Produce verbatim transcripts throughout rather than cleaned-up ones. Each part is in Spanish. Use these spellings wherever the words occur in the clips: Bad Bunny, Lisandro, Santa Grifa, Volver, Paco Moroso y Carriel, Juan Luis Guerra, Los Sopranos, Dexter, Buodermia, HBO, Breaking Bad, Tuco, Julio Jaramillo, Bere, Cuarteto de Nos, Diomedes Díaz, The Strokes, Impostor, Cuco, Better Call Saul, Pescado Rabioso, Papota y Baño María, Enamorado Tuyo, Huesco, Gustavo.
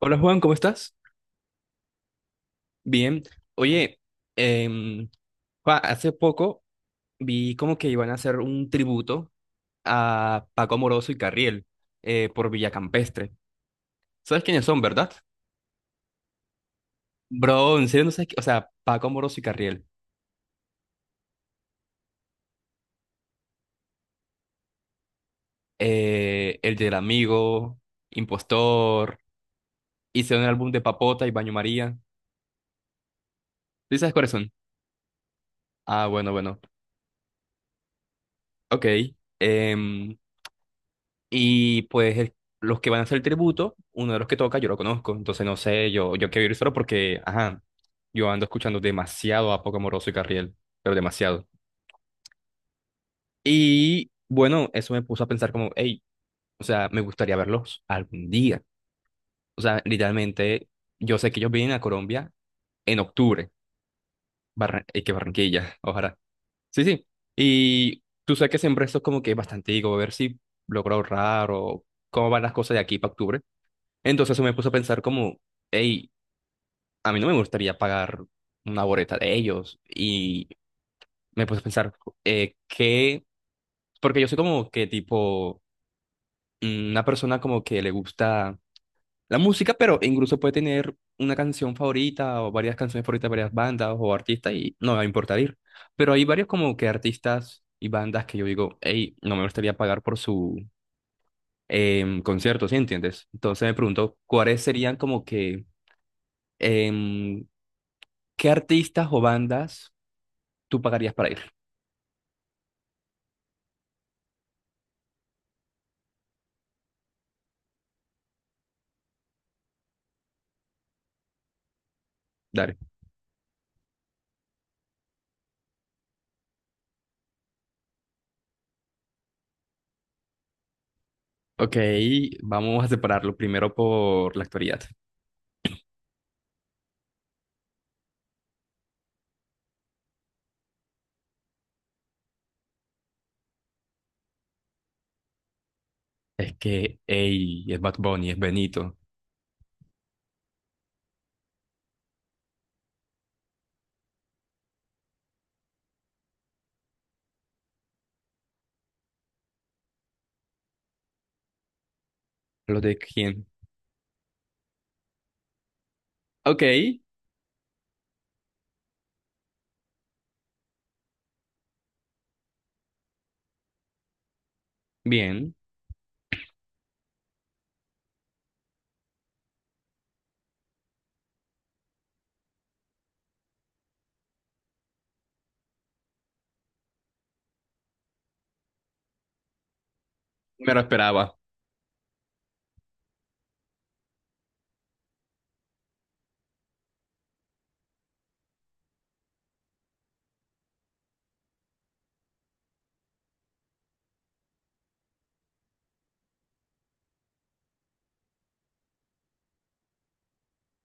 Hola Juan, ¿cómo estás? Bien. Oye, em, Juan, hace poco vi como que iban a hacer un tributo a Paco Moroso y Carriel eh, por Villacampestre. ¿Sabes quiénes son, verdad? Bro, en serio no sabes, qui- o sea, Paco Moroso y Carriel, eh, el del amigo, Impostor, hicieron el álbum de Papota y Baño María. ¿Tú sabes cuáles son? Ah, bueno, bueno. Ok. Em, Y pues el- los que van a hacer el tributo, uno de los que toca, yo lo conozco. Entonces no sé, yo, yo quiero ir solo porque, ajá, yo ando escuchando demasiado a Poco Moroso y Carriel, pero demasiado. Y bueno, eso me puso a pensar como, hey, o sea, me gustaría verlos algún día. O sea, literalmente, yo sé que ellos vienen a Colombia en octubre, Barra- eh, que Barranquilla, ojalá. Sí, sí. Y tú sabes que siempre esto es como que bastante, digo, a ver si logro ahorrar o cómo van las cosas de aquí para octubre. Entonces eso me puso a pensar como, hey, a mí no me gustaría pagar una boleta de ellos. Y me puse a pensar, eh, ¿qué? Porque yo soy como que tipo mm, una persona como que le gusta la música, pero incluso puede tener una canción favorita o varias canciones favoritas de varias bandas o artistas y no me va a importar ir. Pero hay varios como que artistas y bandas que yo digo, hey, no me gustaría pagar por su em, concierto, ¿sí entiendes? Entonces me pregunto, ¿cuáles serían como que... em, ¿Qué artistas o bandas tú pagarías para ir? Dale. Ok, vamos a separarlo primero por la actualidad. Es que, ey, es Bad Bunny, es Benito. ¿Los de quién? Ok, bien. Me lo esperaba,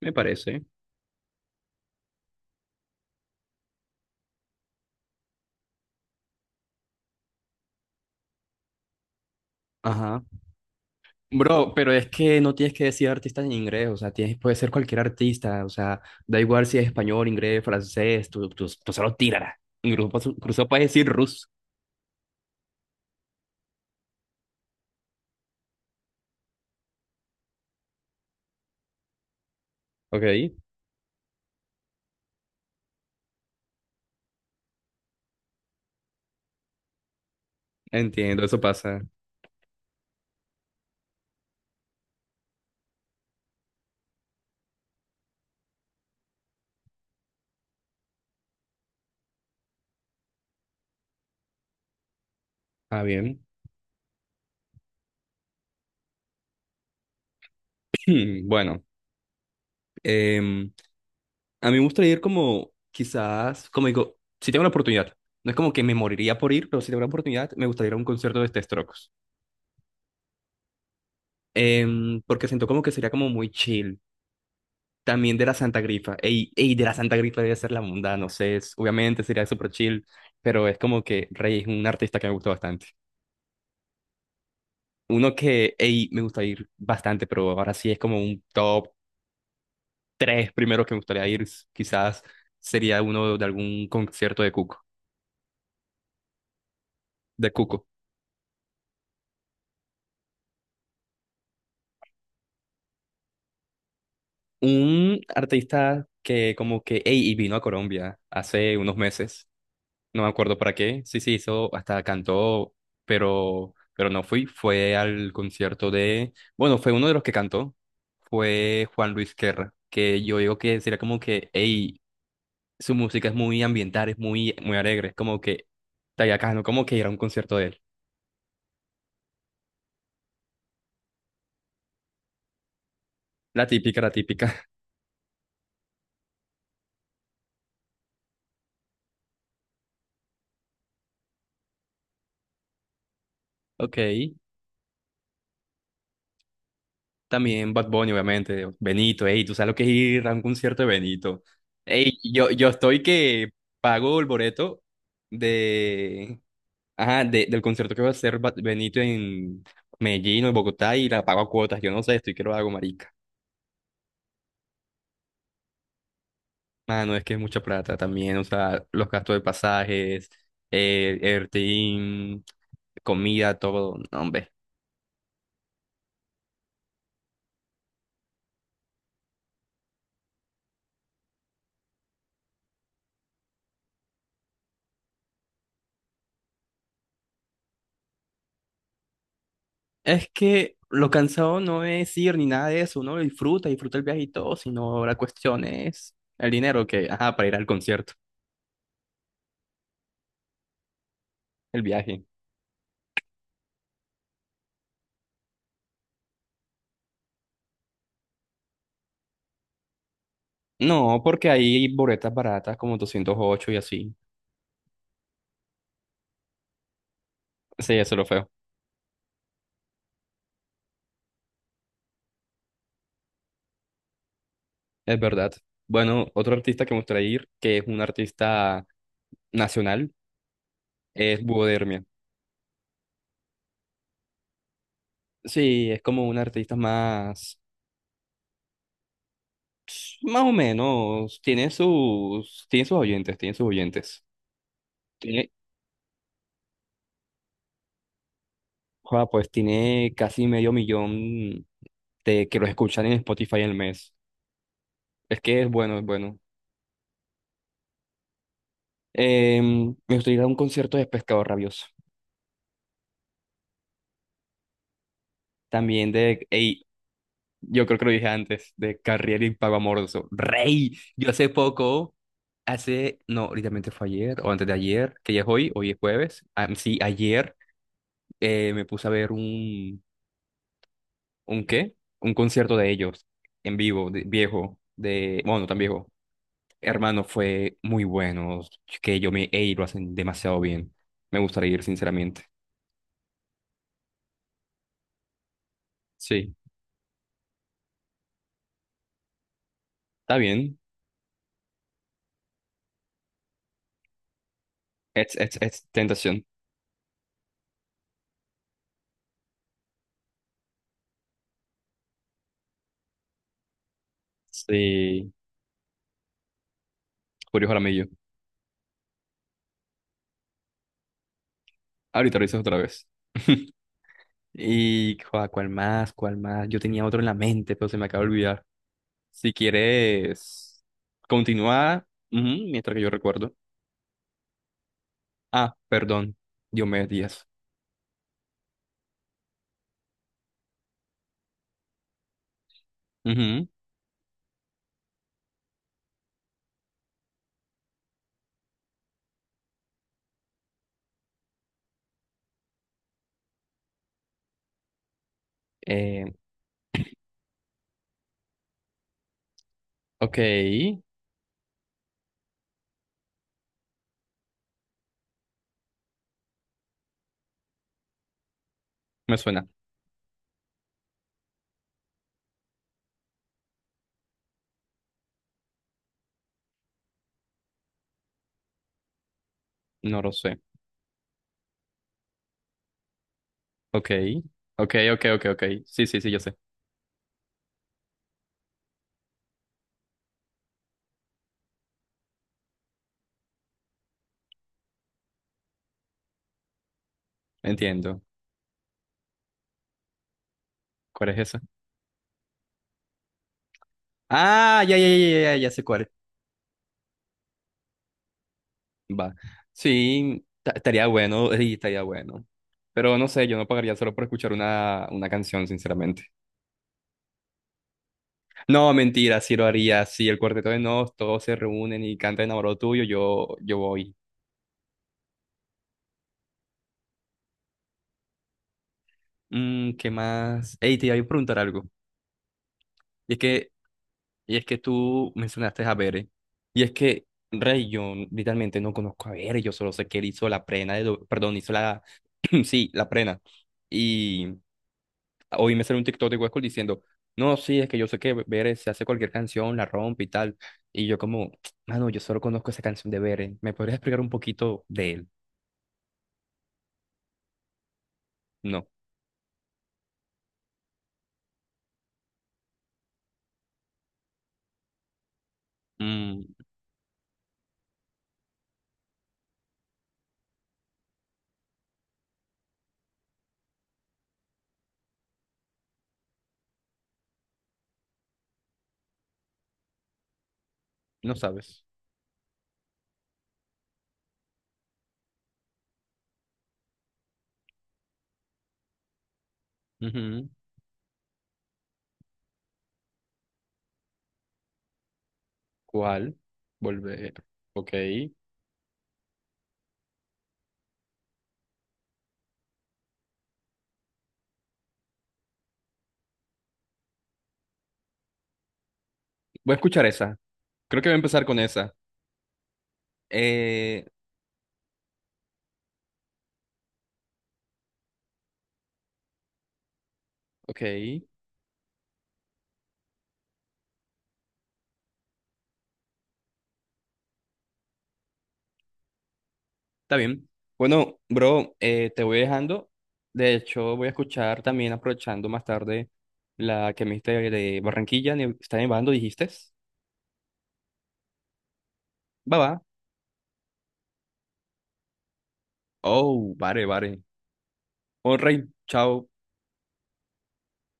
me parece. Ajá. Bro, pero es que no tienes que decir artista en inglés, o sea, tienes, puede ser cualquier artista, o sea, da igual si es español, inglés, francés, tú, tú, tú solo tírala. Incluso, incluso puedes decir ruso. Ok, entiendo, eso pasa. Ah, bien. Bueno. Em, a mí me gustaría ir como, quizás, como digo, si tengo la oportunidad, no es como que me moriría por ir, pero si tengo la oportunidad, me gustaría ir a un concierto de The Strokes. Em, porque siento como que sería como muy chill. También de la Santa Grifa. Ey, ey, de la Santa Grifa debe ser la mundana, no sé, es- obviamente sería súper chill, pero es como que Rey es un artista que me gusta bastante. Uno que, ey, me gusta ir bastante, pero ahora sí es como un top tres primero que me gustaría ir, quizás sería uno de algún concierto de Cuco, de Cuco. Un artista que como que, ey, y vino a Colombia hace unos meses, no me acuerdo para qué, sí, sí, hizo, hasta cantó, pero, pero no fui, fue al concierto de, bueno, fue uno de los que cantó, fue Juan Luis Guerra, que yo digo que sería como que, ey, su música es muy ambiental, es muy, muy alegre, es como que, tallacano, como que ir a un concierto de él, la típica, la típica. Ok. También Bad Bunny, obviamente. Benito, ey, tú sabes lo que es ir a un concierto de Benito. Ey, yo, yo estoy que pago el boleto de, ajá, de- del concierto que va a hacer Bad- Benito en Medellín o en Bogotá y la pago a cuotas. Yo no sé, estoy que lo hago, marica. Mano, es que es mucha plata también, o sea, los gastos de pasajes, eh, Ertin, comida, todo. No, hombre. Es que lo cansado no es ir ni nada de eso, uno lo disfruta, disfruta el viaje y todo, sino la cuestión es el dinero que, ajá, para ir al concierto, el viaje. No, porque hay boletas baratas como doscientos ocho y así. Sí, eso es lo feo, es verdad. Bueno, otro artista que me gustaría ir, que es un artista nacional, es Buodermia. Sí, es como un artista más, más o menos, tiene sus, tiene sus oyentes, tiene sus oyentes. Tiene, joda, pues tiene casi medio millón de que los escuchan en Spotify el mes. Es que es bueno, es bueno. Em, me gustaría ir a un concierto de Pescado Rabioso. También de, ey, yo creo que lo dije antes, de Carriel y Pago Amoroso. ¡Rey! Yo hace poco, hace, no, literalmente fue ayer o antes de ayer, que ya es hoy, hoy es jueves. Ah, sí, ayer eh, me puse a ver un, ¿un qué? Un concierto de ellos en vivo, de- viejo, de, bueno, no tan viejo. Hermano, fue muy bueno. Que yo me, ey, lo hacen demasiado bien. Me gustaría ir, sinceramente. Sí, está bien. Es, es, es tentación. Sí, Julio Jaramillo. Ahorita lo dices otra vez. Y, joa, ¿cuál más? ¿Cuál más? Yo tenía otro en la mente, pero se me acaba de olvidar. Si quieres, continúa ujú, mientras que yo recuerdo. Ah, perdón. Diomedes Díaz. Ujú. Eh, ok, me suena. No lo sé. Ok, ok, ok, ok, ok. Sí, sí, sí, yo sé. Entiendo. ¿Cuál es esa? Ah, ya, ya, ya, ya, ya ya sé cuál. Va. Sí, ta- estaría bueno, sí, estaría bueno. Pero no sé, yo no pagaría solo por escuchar una, una canción, sinceramente. No, mentira, sí lo haría. Si el cuarteto de Nos, todos se reúnen y cantan Enamorado Tuyo, yo, yo voy. Mm, ¿qué más? Ey, te iba a preguntar algo. Y es que Y es que tú mencionaste a Bere. Y es que Rey, yo literalmente no conozco a Bere, yo solo sé que él hizo la prena de Do- perdón, hizo la, sí, la prena. Y hoy me salió un TikTok de Huesco diciendo, no, sí, es que yo sé que Bere se hace cualquier canción, la rompe y tal. Y yo como, mano, yo solo conozco esa canción de Bere. ¿Me podrías explicar un poquito de él? No. Mm, no sabes. Ujú. ¿Cuál? Volver. Ok. Voy a escuchar esa. Creo que voy a empezar con esa. Eh, Ok, está bien. Bueno, bro, eh, te voy dejando. De hecho, voy a escuchar también, aprovechando más tarde, la que me diste de Barranquilla, ne- está nevando, dijiste. Va, va. Oh, vale, vale. Oh, rey, chao.